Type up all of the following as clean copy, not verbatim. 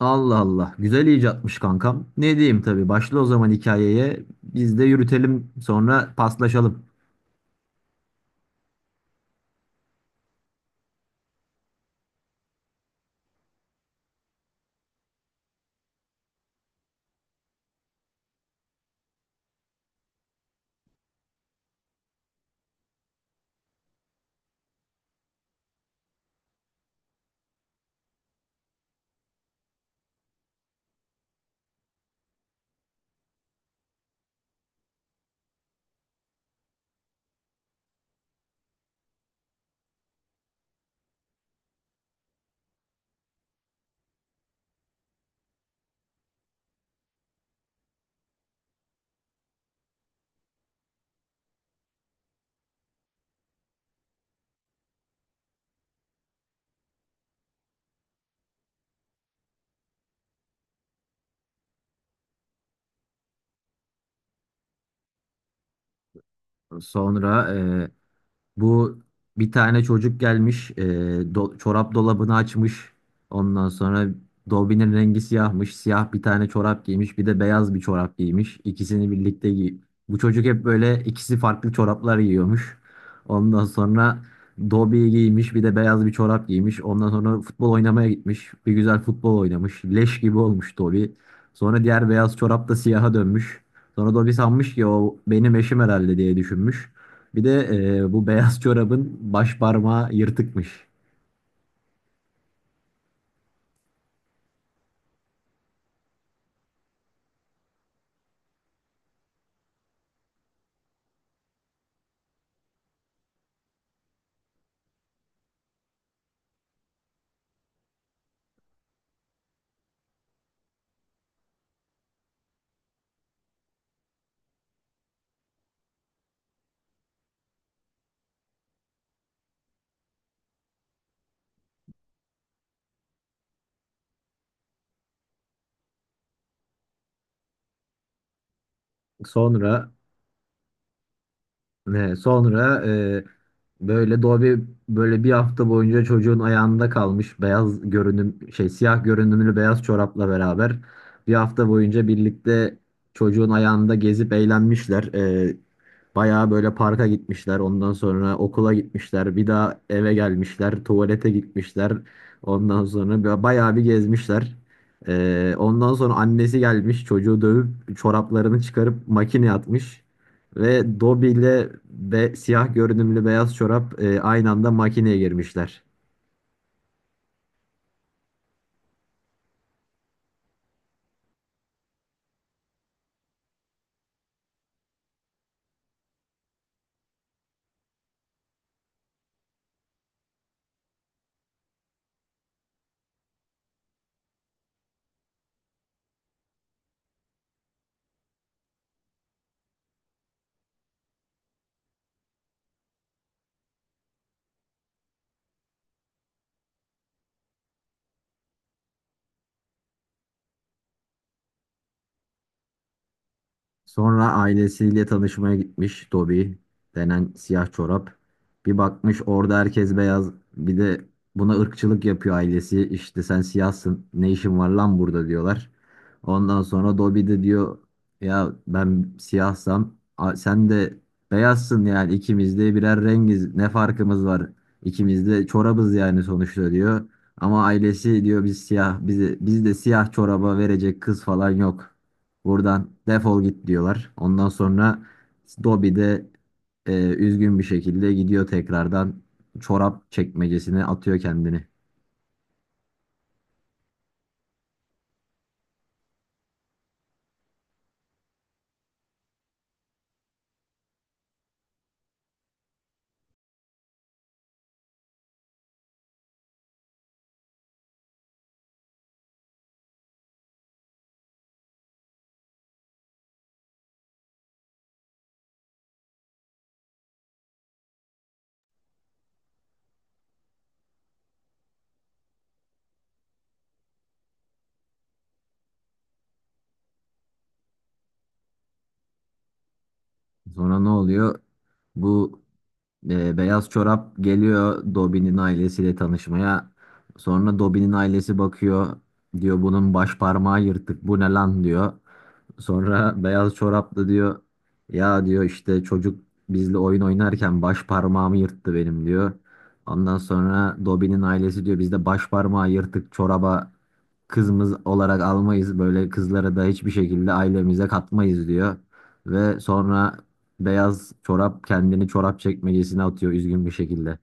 Allah Allah. Güzel icatmış kankam. Ne diyeyim tabii. Başla o zaman hikayeye. Biz de yürütelim. Sonra paslaşalım. Sonra e, Bu bir tane çocuk gelmiş, çorap dolabını açmış. Ondan sonra dolbinin rengi siyahmış. Siyah bir tane çorap giymiş, bir de beyaz bir çorap giymiş. İkisini birlikte giy. Bu çocuk hep böyle ikisi farklı çoraplar giyiyormuş. Ondan sonra Dobi'yi giymiş, bir de beyaz bir çorap giymiş. Ondan sonra futbol oynamaya gitmiş. Bir güzel futbol oynamış. Leş gibi olmuş Dobi. Sonra diğer beyaz çorap da siyaha dönmüş. Sonra Dobi sanmış ki o benim eşim herhalde diye düşünmüş. Bir de bu beyaz çorabın baş parmağı yırtıkmış. Sonra ne? Sonra böyle Dobby böyle bir hafta boyunca çocuğun ayağında kalmış beyaz görünüm şey siyah görünümlü beyaz çorapla beraber bir hafta boyunca birlikte çocuğun ayağında gezip eğlenmişler. Bayağı böyle parka gitmişler, ondan sonra okula gitmişler, bir daha eve gelmişler, tuvalete gitmişler. Ondan sonra bayağı bir gezmişler. Ondan sonra annesi gelmiş, çocuğu dövüp çoraplarını çıkarıp makineye atmış. Ve Dobby ile siyah görünümlü beyaz çorap aynı anda makineye girmişler. Sonra ailesiyle tanışmaya gitmiş Toby denen siyah çorap. Bir bakmış orada herkes beyaz. Bir de buna ırkçılık yapıyor ailesi. İşte sen siyahsın ne işin var lan burada diyorlar. Ondan sonra Dobby de diyor ya ben siyahsam sen de beyazsın yani ikimiz de birer rengiz ne farkımız var? İkimiz de çorabız yani sonuçta diyor. Ama ailesi diyor bizi biz de siyah çoraba verecek kız falan yok. Buradan defol git diyorlar. Ondan sonra Dobby de üzgün bir şekilde gidiyor tekrardan çorap çekmecesine atıyor kendini. Sonra ne oluyor? Bu Beyaz çorap geliyor Dobby'nin ailesiyle tanışmaya. Sonra Dobby'nin ailesi bakıyor. Diyor bunun baş parmağı yırtık. Bu ne lan diyor. Sonra beyaz çoraplı diyor ya diyor işte çocuk bizle oyun oynarken baş parmağımı yırttı benim diyor. Ondan sonra Dobby'nin ailesi diyor biz de baş parmağı yırtık çoraba kızımız olarak almayız. Böyle kızları da hiçbir şekilde ailemize katmayız diyor. Ve sonra beyaz çorap kendini çorap çekmecesine atıyor üzgün bir şekilde.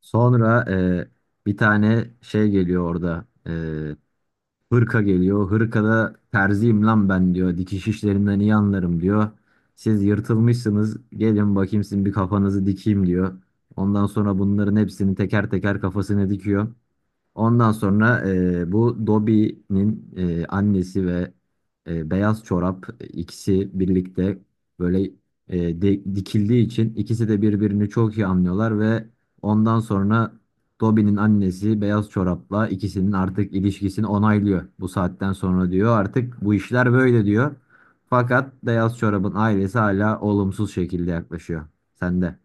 Sonra bir tane şey geliyor orada. E, hırka geliyor. Hırkada terziyim lan ben diyor. Dikiş işlerinden iyi anlarım diyor. Siz yırtılmışsınız. Gelin bakayım sizin bir kafanızı dikeyim diyor. Ondan sonra bunların hepsini teker teker kafasına dikiyor. Ondan sonra bu Dobby'nin annesi ve beyaz çorap, ikisi birlikte böyle dikildiği için ikisi de birbirini çok iyi anlıyorlar ve ondan sonra Dobby'nin annesi beyaz çorapla ikisinin artık ilişkisini onaylıyor. Bu saatten sonra diyor artık bu işler böyle diyor. Fakat beyaz çorabın ailesi hala olumsuz şekilde yaklaşıyor. Sende.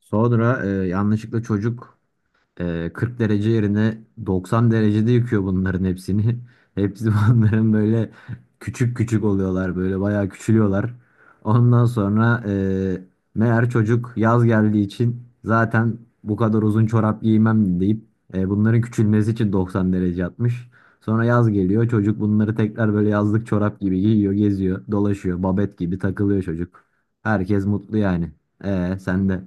Sonra yanlışlıkla çocuk 40 derece yerine 90 derecede yıkıyor bunların hepsini. Hepsi bunların böyle küçük küçük oluyorlar böyle bayağı küçülüyorlar. Ondan sonra meğer çocuk yaz geldiği için zaten bu kadar uzun çorap giymem deyip bunların küçülmesi için 90 derece atmış. Sonra yaz geliyor çocuk bunları tekrar böyle yazlık çorap gibi giyiyor geziyor dolaşıyor babet gibi takılıyor çocuk. Herkes mutlu yani. E sen de.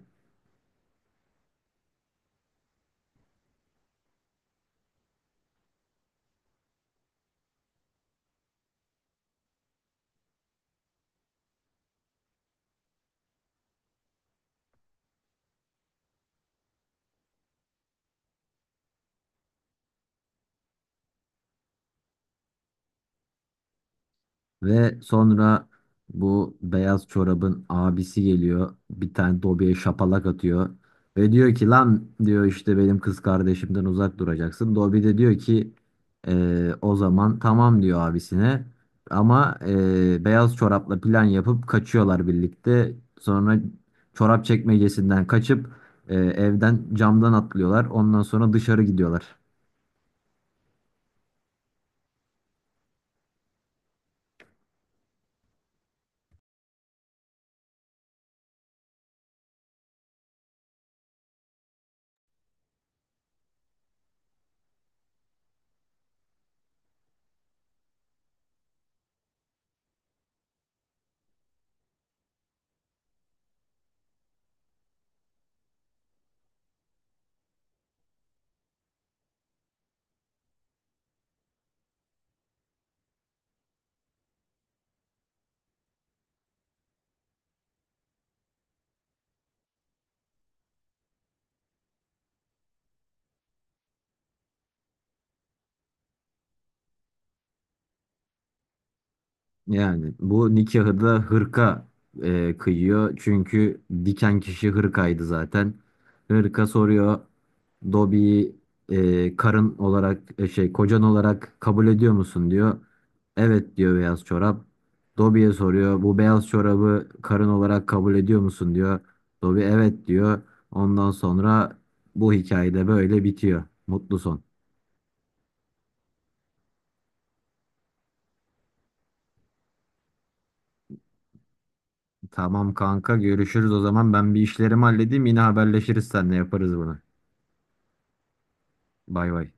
Ve sonra bu beyaz çorabın abisi geliyor. Bir tane Dobby'ye şapalak atıyor. Ve diyor ki lan diyor işte benim kız kardeşimden uzak duracaksın. Dobby de diyor ki o zaman tamam" diyor abisine. Ama beyaz çorapla plan yapıp kaçıyorlar birlikte. Sonra çorap çekmecesinden kaçıp evden camdan atlıyorlar. Ondan sonra dışarı gidiyorlar. Yani bu nikahı da hırka kıyıyor. Çünkü diken kişi hırkaydı zaten. Hırka soruyor. Dobi'yi, karın olarak, şey, kocan olarak kabul ediyor musun diyor. Evet diyor beyaz çorap. Dobi'ye soruyor. Bu beyaz çorabı karın olarak kabul ediyor musun diyor. Dobi evet diyor. Ondan sonra bu hikayede böyle bitiyor. Mutlu son. Tamam kanka, görüşürüz o zaman. Ben bir işlerimi halledeyim. Yine haberleşiriz seninle, yaparız bunu. Bay bay.